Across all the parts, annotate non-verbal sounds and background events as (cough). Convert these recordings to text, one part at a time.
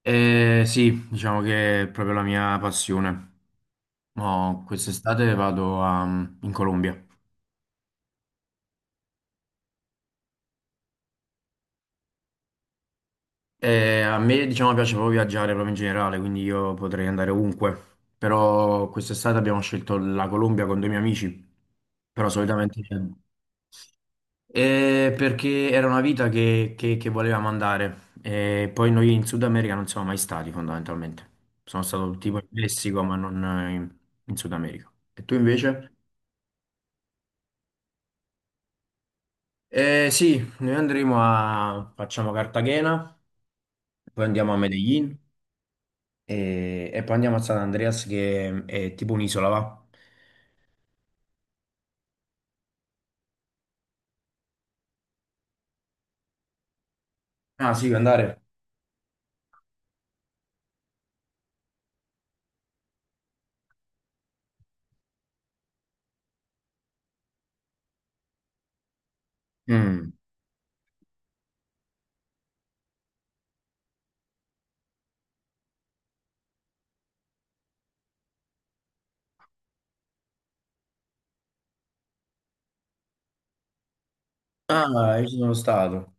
Sì, diciamo che è proprio la mia passione. No, quest'estate in Colombia. E a me, diciamo, piace proprio viaggiare proprio in generale, quindi io potrei andare ovunque. Però quest'estate abbiamo scelto la Colombia con due miei amici. Però solitamente perché era una vita che volevamo andare. E poi noi in Sud America non siamo mai stati, fondamentalmente. Sono stato tipo in Messico, ma non in Sud America. E tu invece? Sì, noi andremo a facciamo Cartagena, poi andiamo a Medellin e poi andiamo a San Andreas che è tipo un'isola, va? Ah, sì, vuoi andare? Mm. Ah, io ci sono stato.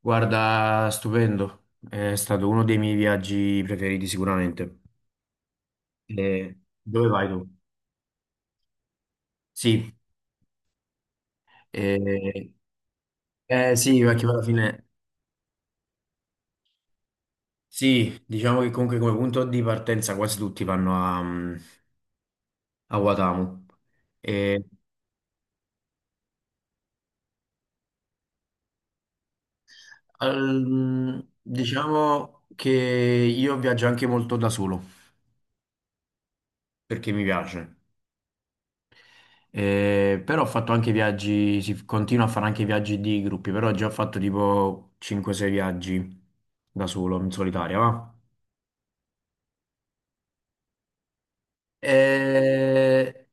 Guarda, stupendo. È stato uno dei miei viaggi preferiti sicuramente. Eh, Dove vai tu? Sì, eh, sì, perché alla fine. Sì, diciamo che comunque come punto di partenza quasi tutti vanno a Guatamo. Diciamo che io viaggio anche molto da solo perché mi piace. Però ho fatto anche viaggi, si continua a fare anche viaggi di gruppi, però già ho fatto tipo 5-6 viaggi da solo, in solitaria, va? Eh,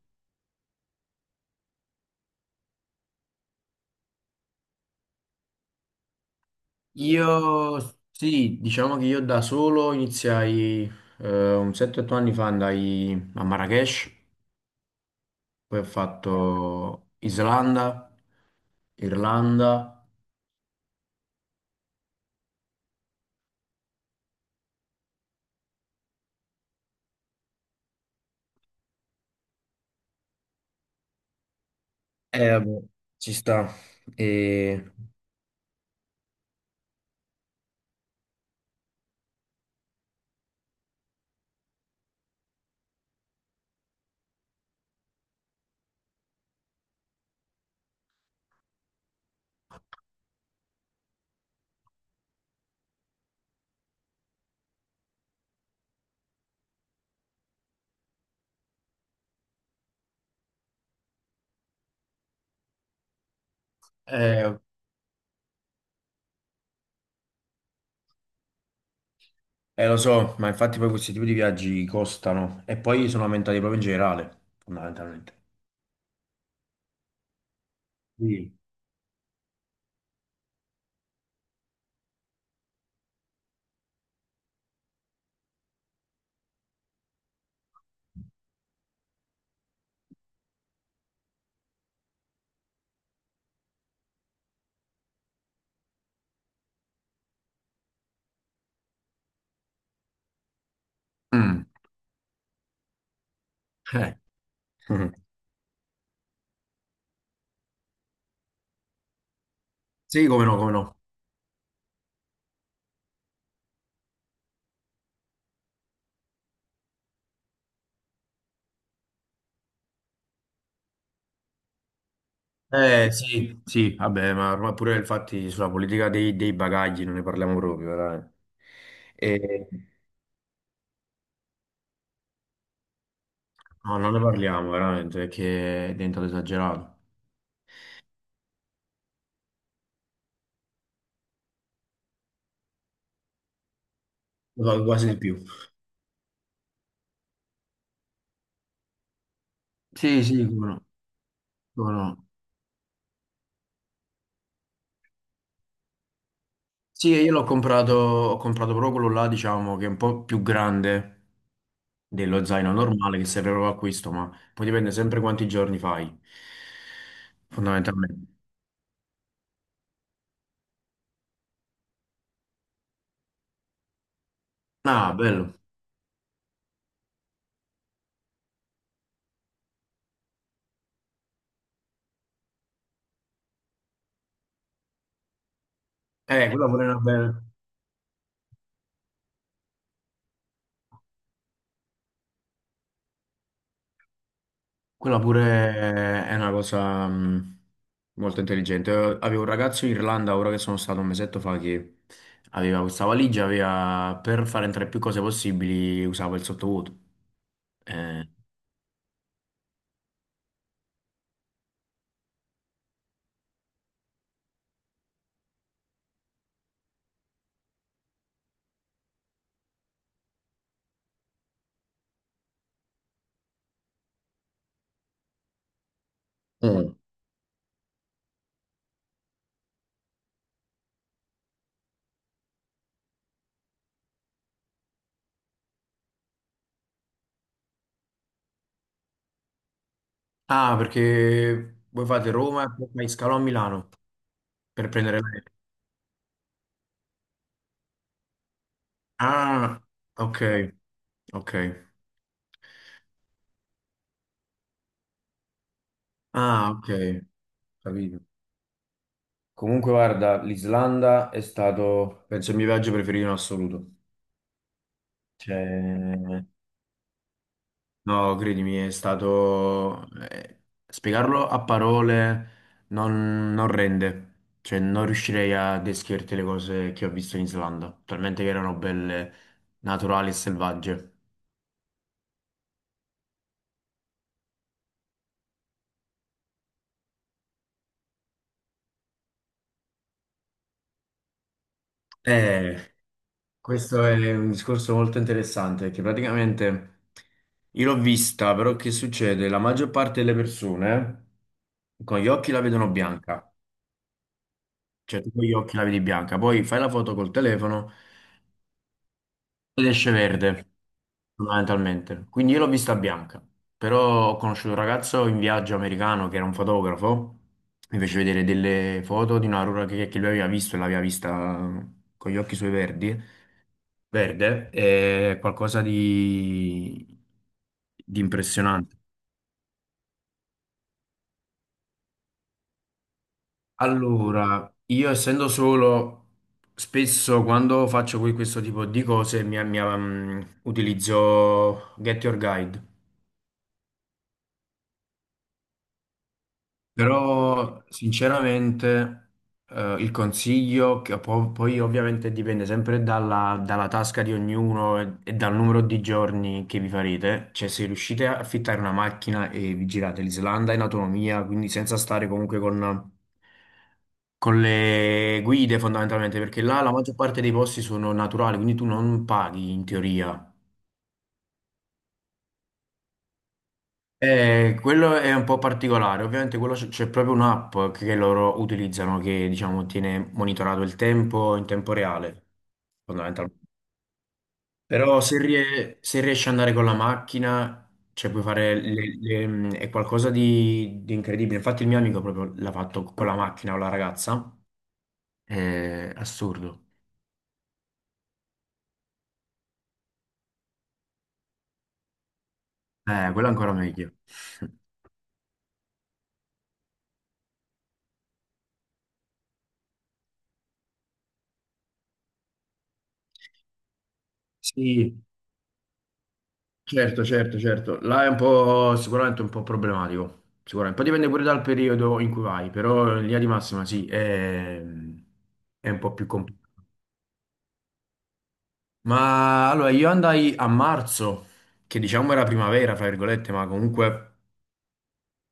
io sì, diciamo che io da solo iniziai un 7-8 anni fa andai a Marrakech, poi ho fatto Islanda, Irlanda. Vabbè, ci sta. E, Eh, Lo so, ma infatti poi questi tipi di viaggi costano e poi sono aumentati proprio in generale, fondamentalmente. Sì. Mm. Eh. (laughs) mm. Sì, come no, come no. Sì, sì, vabbè, ma ormai pure infatti sulla politica dei bagagli non ne parliamo proprio, veramente. E- no, non ne parliamo, veramente, perché è diventato esagerato. Lo so, quasi di più. Sì, sì, come no, come no. Sì, io l'ho comprato, ho comprato proprio quello là, diciamo, che è un po' più grande dello zaino normale che serve proprio a questo, ma poi dipende sempre quanti giorni fai, fondamentalmente. Ah, bello. Quella pure è una bella. Quella pure è una cosa molto intelligente. Avevo un ragazzo in Irlanda, ora che sono stato un mesetto fa, che aveva questa valigia, aveva, per fare entrare più cose possibili, usava il sottovuoto. Eh. Mm. Ah, perché voi fate Roma e poi fai scalo a Milano per prendere l'aereo. Ah, ok, ok. Ah, ok, capito. Comunque, guarda, l'Islanda è stato, penso, il mio viaggio preferito in assoluto. Cioè, no, credimi, è stato spiegarlo a parole non rende. Cioè, non riuscirei a descriverti le cose che ho visto in Islanda, talmente che erano belle, naturali e selvagge. Eh, Questo è un discorso molto interessante, che praticamente io l'ho vista, però che succede? La maggior parte delle persone con gli occhi la vedono bianca, cioè tu con gli occhi la vedi bianca, poi fai la foto col telefono ed esce verde, fondamentalmente. Quindi io l'ho vista bianca, però ho conosciuto un ragazzo in viaggio americano che era un fotografo, mi fece vedere delle foto di una Aurora che lui aveva visto e l'aveva vista con gli occhi suoi verdi. Verde è qualcosa di impressionante. Allora, io essendo solo, spesso quando faccio questo tipo di cose utilizzo Get Your Guide. Però sinceramente il consiglio, poi ovviamente dipende sempre dalla, dalla tasca di ognuno e dal numero di giorni che vi farete, cioè se riuscite a affittare una macchina e vi girate l'Islanda in autonomia, quindi senza stare comunque con le guide fondamentalmente, perché là la maggior parte dei posti sono naturali, quindi tu non paghi in teoria. Quello è un po' particolare, ovviamente quello c'è proprio un'app che loro utilizzano che diciamo tiene monitorato il tempo in tempo reale, fondamentalmente. Però se, se riesci ad andare con la macchina, cioè puoi fare è qualcosa di incredibile. Infatti il mio amico proprio l'ha fatto con la macchina o la ragazza, è assurdo. Quello è ancora meglio. (laughs) Sì, certo, certo, certo. Là è un po' sicuramente un po' problematico. Sicuramente. Poi dipende pure dal periodo in cui vai, però in linea di massima sì, è un po' più complicato. Ma allora io andai a marzo, che diciamo era primavera, fra virgolette, ma comunque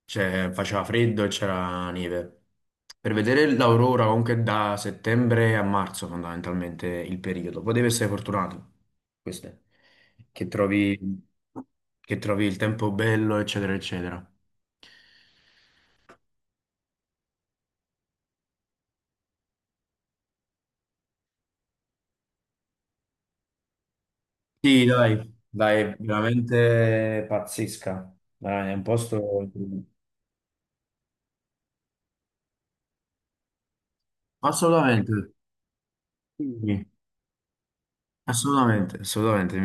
cioè, faceva freddo e c'era neve. Per vedere l'aurora comunque da settembre a marzo fondamentalmente il periodo. Poi devi essere fortunato, questo è. Che trovi, che trovi il tempo bello, eccetera, eccetera. Sì, dai, dai, veramente pazzesca. Dai, è un posto. Assolutamente, sì, assolutamente, assolutamente.